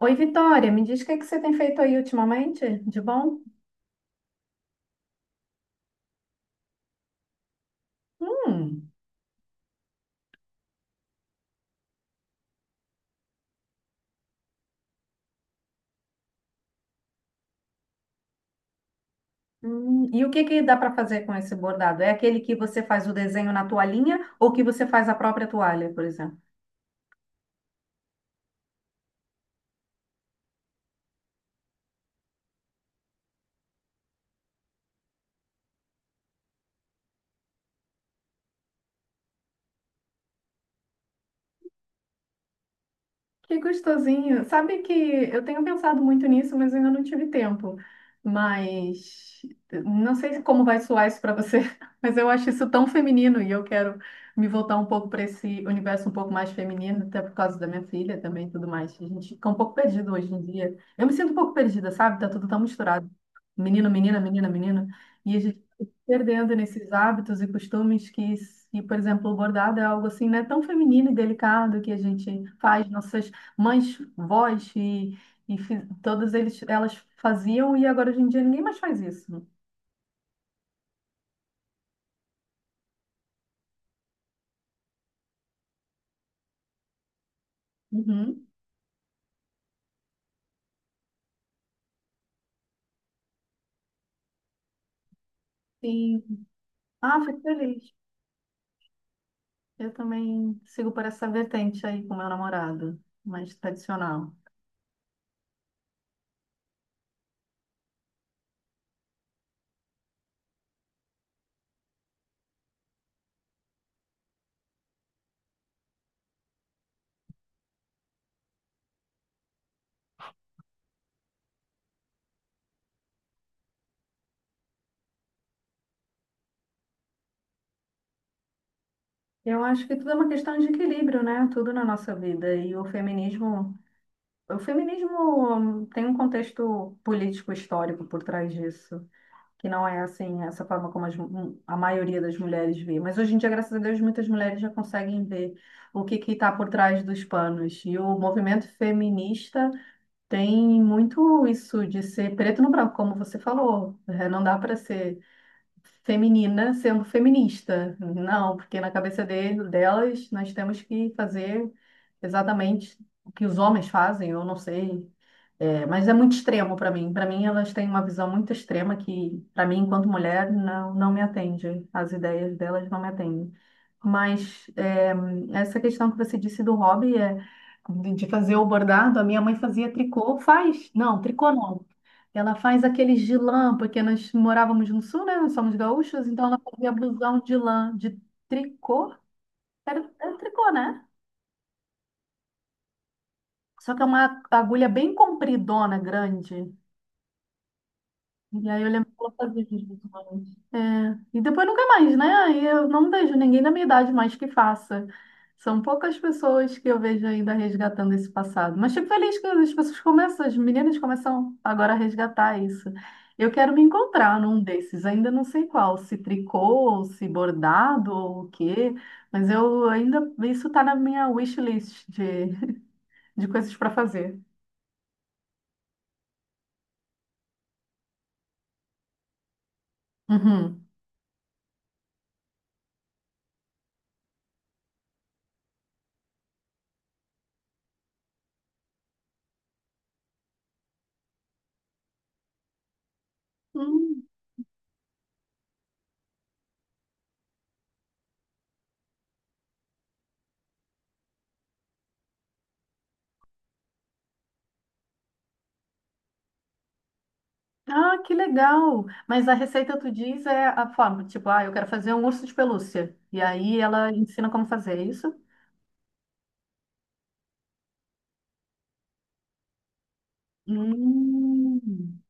Oi, Vitória, me diz o que que você tem feito aí ultimamente, de bom? Hum. E o que que dá para fazer com esse bordado? É aquele que você faz o desenho na toalhinha ou que você faz a própria toalha, por exemplo? Que gostosinho. Sabe que eu tenho pensado muito nisso, mas ainda não tive tempo. Mas não sei como vai soar isso para você, mas eu acho isso tão feminino e eu quero me voltar um pouco para esse universo um pouco mais feminino, até por causa da minha filha também e tudo mais. A gente fica um pouco perdido hoje em dia. Eu me sinto um pouco perdida, sabe? Tá tudo tão misturado. Menino, menina, menina, menina. E a gente fica se perdendo nesses hábitos e costumes que, se, por exemplo, o bordado é algo assim, né, tão feminino e delicado que a gente faz nossas mães, vós e, todas elas faziam e agora hoje em dia ninguém mais faz isso. Uhum. Sim. Ah, fico feliz. Eu também sigo por essa vertente aí com meu namorado, mais tradicional. Eu acho que tudo é uma questão de equilíbrio, né? Tudo na nossa vida. E o feminismo tem um contexto político histórico por trás disso, que não é assim, essa forma como a maioria das mulheres vê. Mas hoje em dia, graças a Deus, muitas mulheres já conseguem ver o que que está por trás dos panos. E o movimento feminista tem muito isso de ser preto no branco, como você falou. É, não dá para ser feminina sendo feminista. Não, porque na cabeça dele, delas, nós temos que fazer exatamente o que os homens fazem, eu não sei, é, mas é muito extremo para mim. Para mim, elas têm uma visão muito extrema que, para mim, enquanto mulher, não, não me atende. As ideias delas não me atendem. Mas é, essa questão que você disse do hobby é de fazer o bordado, a minha mãe fazia tricô, faz? Não, tricô não. Ela faz aqueles de lã, porque nós morávamos no sul, né? Nós somos gaúchos, então ela fazia blusão de lã, de tricô. Era, era tricô, né? Só que é uma agulha bem compridona, grande. E aí eu lembro que ela fazia isso ultimamente. É, e depois nunca mais, né? Aí eu não vejo ninguém da minha idade mais que faça. São poucas pessoas que eu vejo ainda resgatando esse passado. Mas fico feliz que as pessoas começam, as meninas começam agora a resgatar isso. Eu quero me encontrar num desses, ainda não sei qual, se tricô, ou se bordado ou o quê, mas eu ainda, isso tá na minha wishlist de, de coisas para fazer. Uhum. Hum. Ah, que legal! Mas a receita tu diz é a forma, tipo, ah, eu quero fazer um urso de pelúcia. E aí ela ensina como fazer é isso? Hum.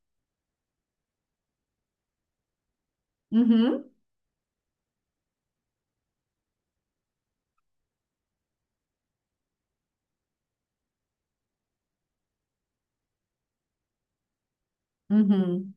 Uhum, uhum.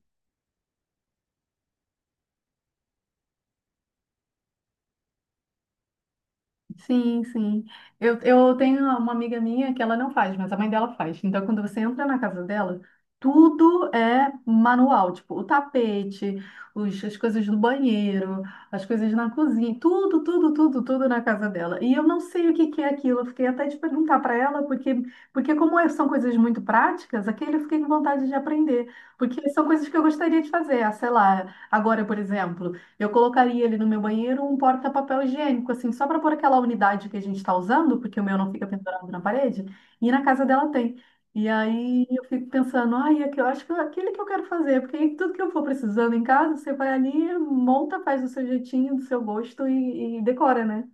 Sim, sim. Eu tenho uma amiga minha que ela não faz, mas a mãe dela faz. Então, quando você entra na casa dela, tudo é manual, tipo, o tapete, os, as coisas do banheiro, as coisas na cozinha, tudo, tudo, tudo, tudo na casa dela. E eu não sei o que que é aquilo. Eu fiquei até de perguntar para ela, porque, porque como é- são coisas muito práticas, aquele eu fiquei com vontade de aprender, porque são coisas que eu gostaria de fazer. Ah, sei lá, agora, por exemplo. Eu colocaria ele no meu banheiro um porta-papel higiênico, assim, só para pôr aquela unidade que a gente está usando, porque o meu não fica pendurado na parede, e na casa dela tem. E aí eu fico pensando, ai, aqui- eu acho que é aquele que eu quero fazer, porque aí tudo que eu for precisando em casa, você vai ali, monta, faz do seu jeitinho, do seu gosto e decora, né?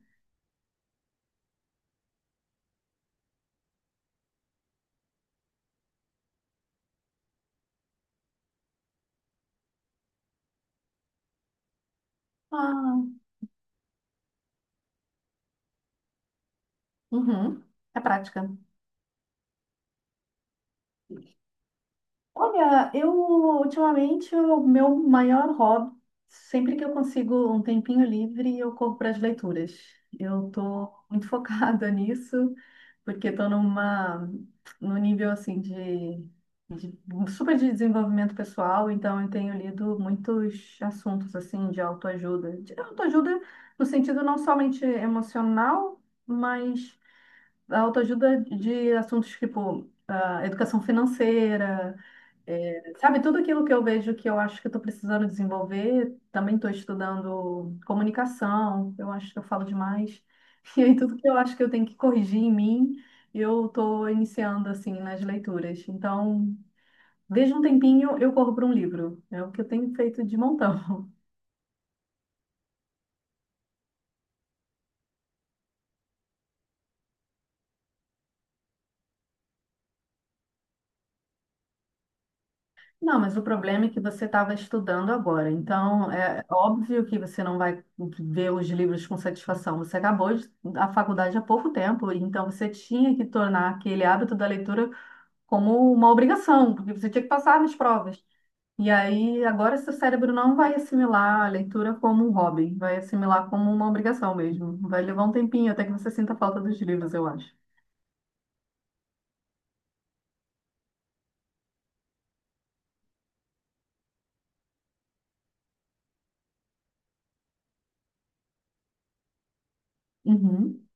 Ah, uhum, é prática. Olha, eu ultimamente o meu maior hobby, sempre que eu consigo um tempinho livre, eu corro para as leituras. Eu tô muito focada nisso, porque estou numa num nível assim de super de desenvolvimento pessoal, então eu tenho lido muitos assuntos assim de autoajuda no sentido não somente emocional, mas a autoajuda de assuntos tipo ah, educação financeira. Sabe, tudo aquilo que eu vejo que eu acho que eu estou precisando desenvolver, também estou estudando comunicação, eu acho que eu falo demais. E aí, tudo que eu acho que eu tenho que corrigir em mim, eu estou iniciando, assim, nas leituras. Então, vejo um tempinho, eu corro para um livro. É o que eu tenho feito de montão. Não, mas o problema é que você estava estudando agora. Então, é óbvio que você não vai ver os livros com satisfação. Você acabou de, a faculdade há pouco tempo, então você tinha que tornar aquele hábito da leitura como uma obrigação, porque você tinha que passar nas provas. E aí, agora seu cérebro não vai assimilar a leitura como um hobby, vai assimilar como uma obrigação mesmo. Vai levar um tempinho até que você sinta falta dos livros, eu acho. Uhum.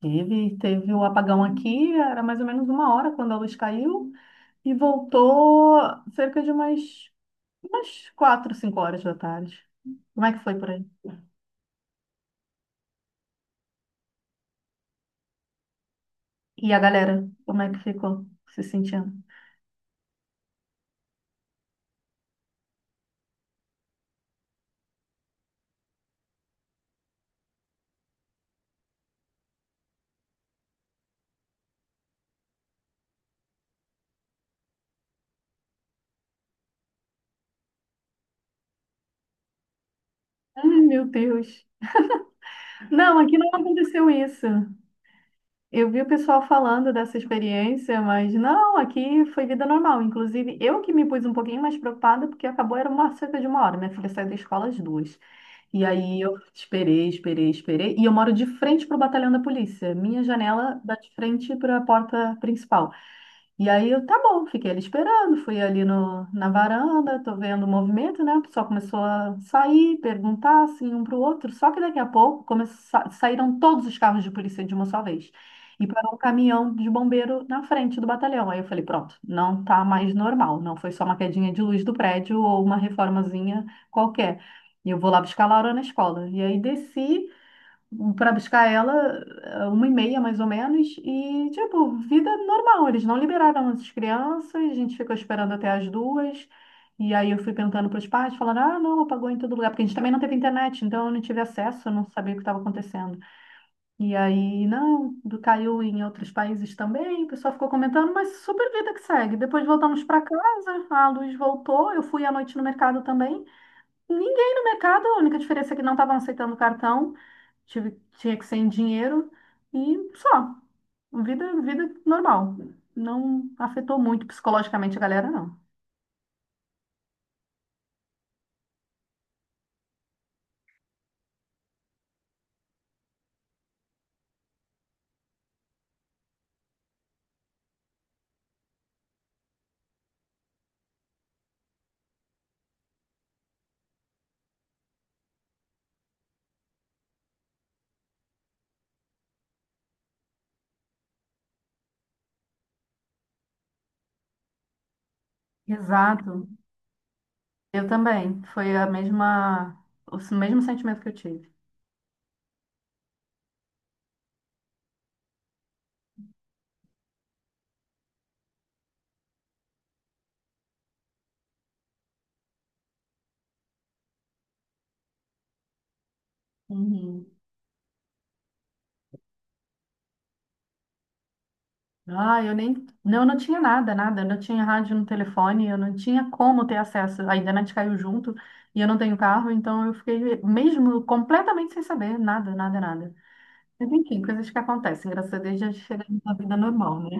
Teve, teve o apagão aqui, era mais ou menos 1 hora quando a luz caiu. E voltou cerca de umas, umas 4, 5 horas da tarde. Como é que foi por aí? E a galera, como é que ficou se sentindo? Ai, meu Deus. Não, aqui não aconteceu isso. Eu vi o pessoal falando dessa experiência, mas não, aqui foi vida normal. Inclusive, eu que me pus um pouquinho mais preocupada, porque acabou, era uma cerca de 1 hora. Minha filha saiu da escola às 2. E aí eu esperei, esperei, esperei. E eu moro de frente para o batalhão da polícia. Minha janela dá de frente para a porta principal. E aí eu, tá bom, fiquei ali esperando, fui ali no, na varanda, tô vendo o movimento, né? O pessoal começou a sair, perguntar assim um para o outro, só que daqui a pouco saíram todos os carros de polícia de uma só vez. E parou um caminhão de bombeiro na frente do batalhão. Aí eu falei, pronto, não tá mais normal, não foi só uma quedinha de luz do prédio ou uma reformazinha qualquer. E eu vou lá buscar a Laura na escola. E aí desci para buscar ela, 1 e meia mais ou menos, e tipo, vida normal. Eles não liberaram as crianças, a gente ficou esperando até as 2. E aí eu fui perguntando para os pais, falando, ah, não, apagou em todo lugar, porque a gente também não teve internet, então eu não tive acesso, eu não sabia o que estava acontecendo. E aí, não, caiu em outros países também, o pessoal ficou comentando, mas super vida que segue. Depois voltamos para casa, a luz voltou, eu fui à noite no mercado também. Ninguém no mercado, a única diferença é que não estavam aceitando cartão, tive, tinha que ser em dinheiro e só. Vida, vida normal. Não afetou muito psicologicamente a galera, não. Exato. Eu também. Foi a mesma, o mesmo sentimento que eu tive. Uhum. Ah, eu nem. Não, eu não tinha nada, nada. Eu não tinha rádio no telefone, eu não tinha como ter acesso. A internet caiu junto e eu não tenho carro, então eu fiquei mesmo completamente sem saber nada, nada, nada. Mas enfim, coisas que acontecem. Graças a Deus já chegamos na vida normal, né?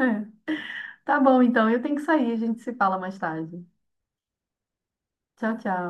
É. Tá bom, então. Eu tenho que sair. A gente se fala mais tarde. Tchau, tchau.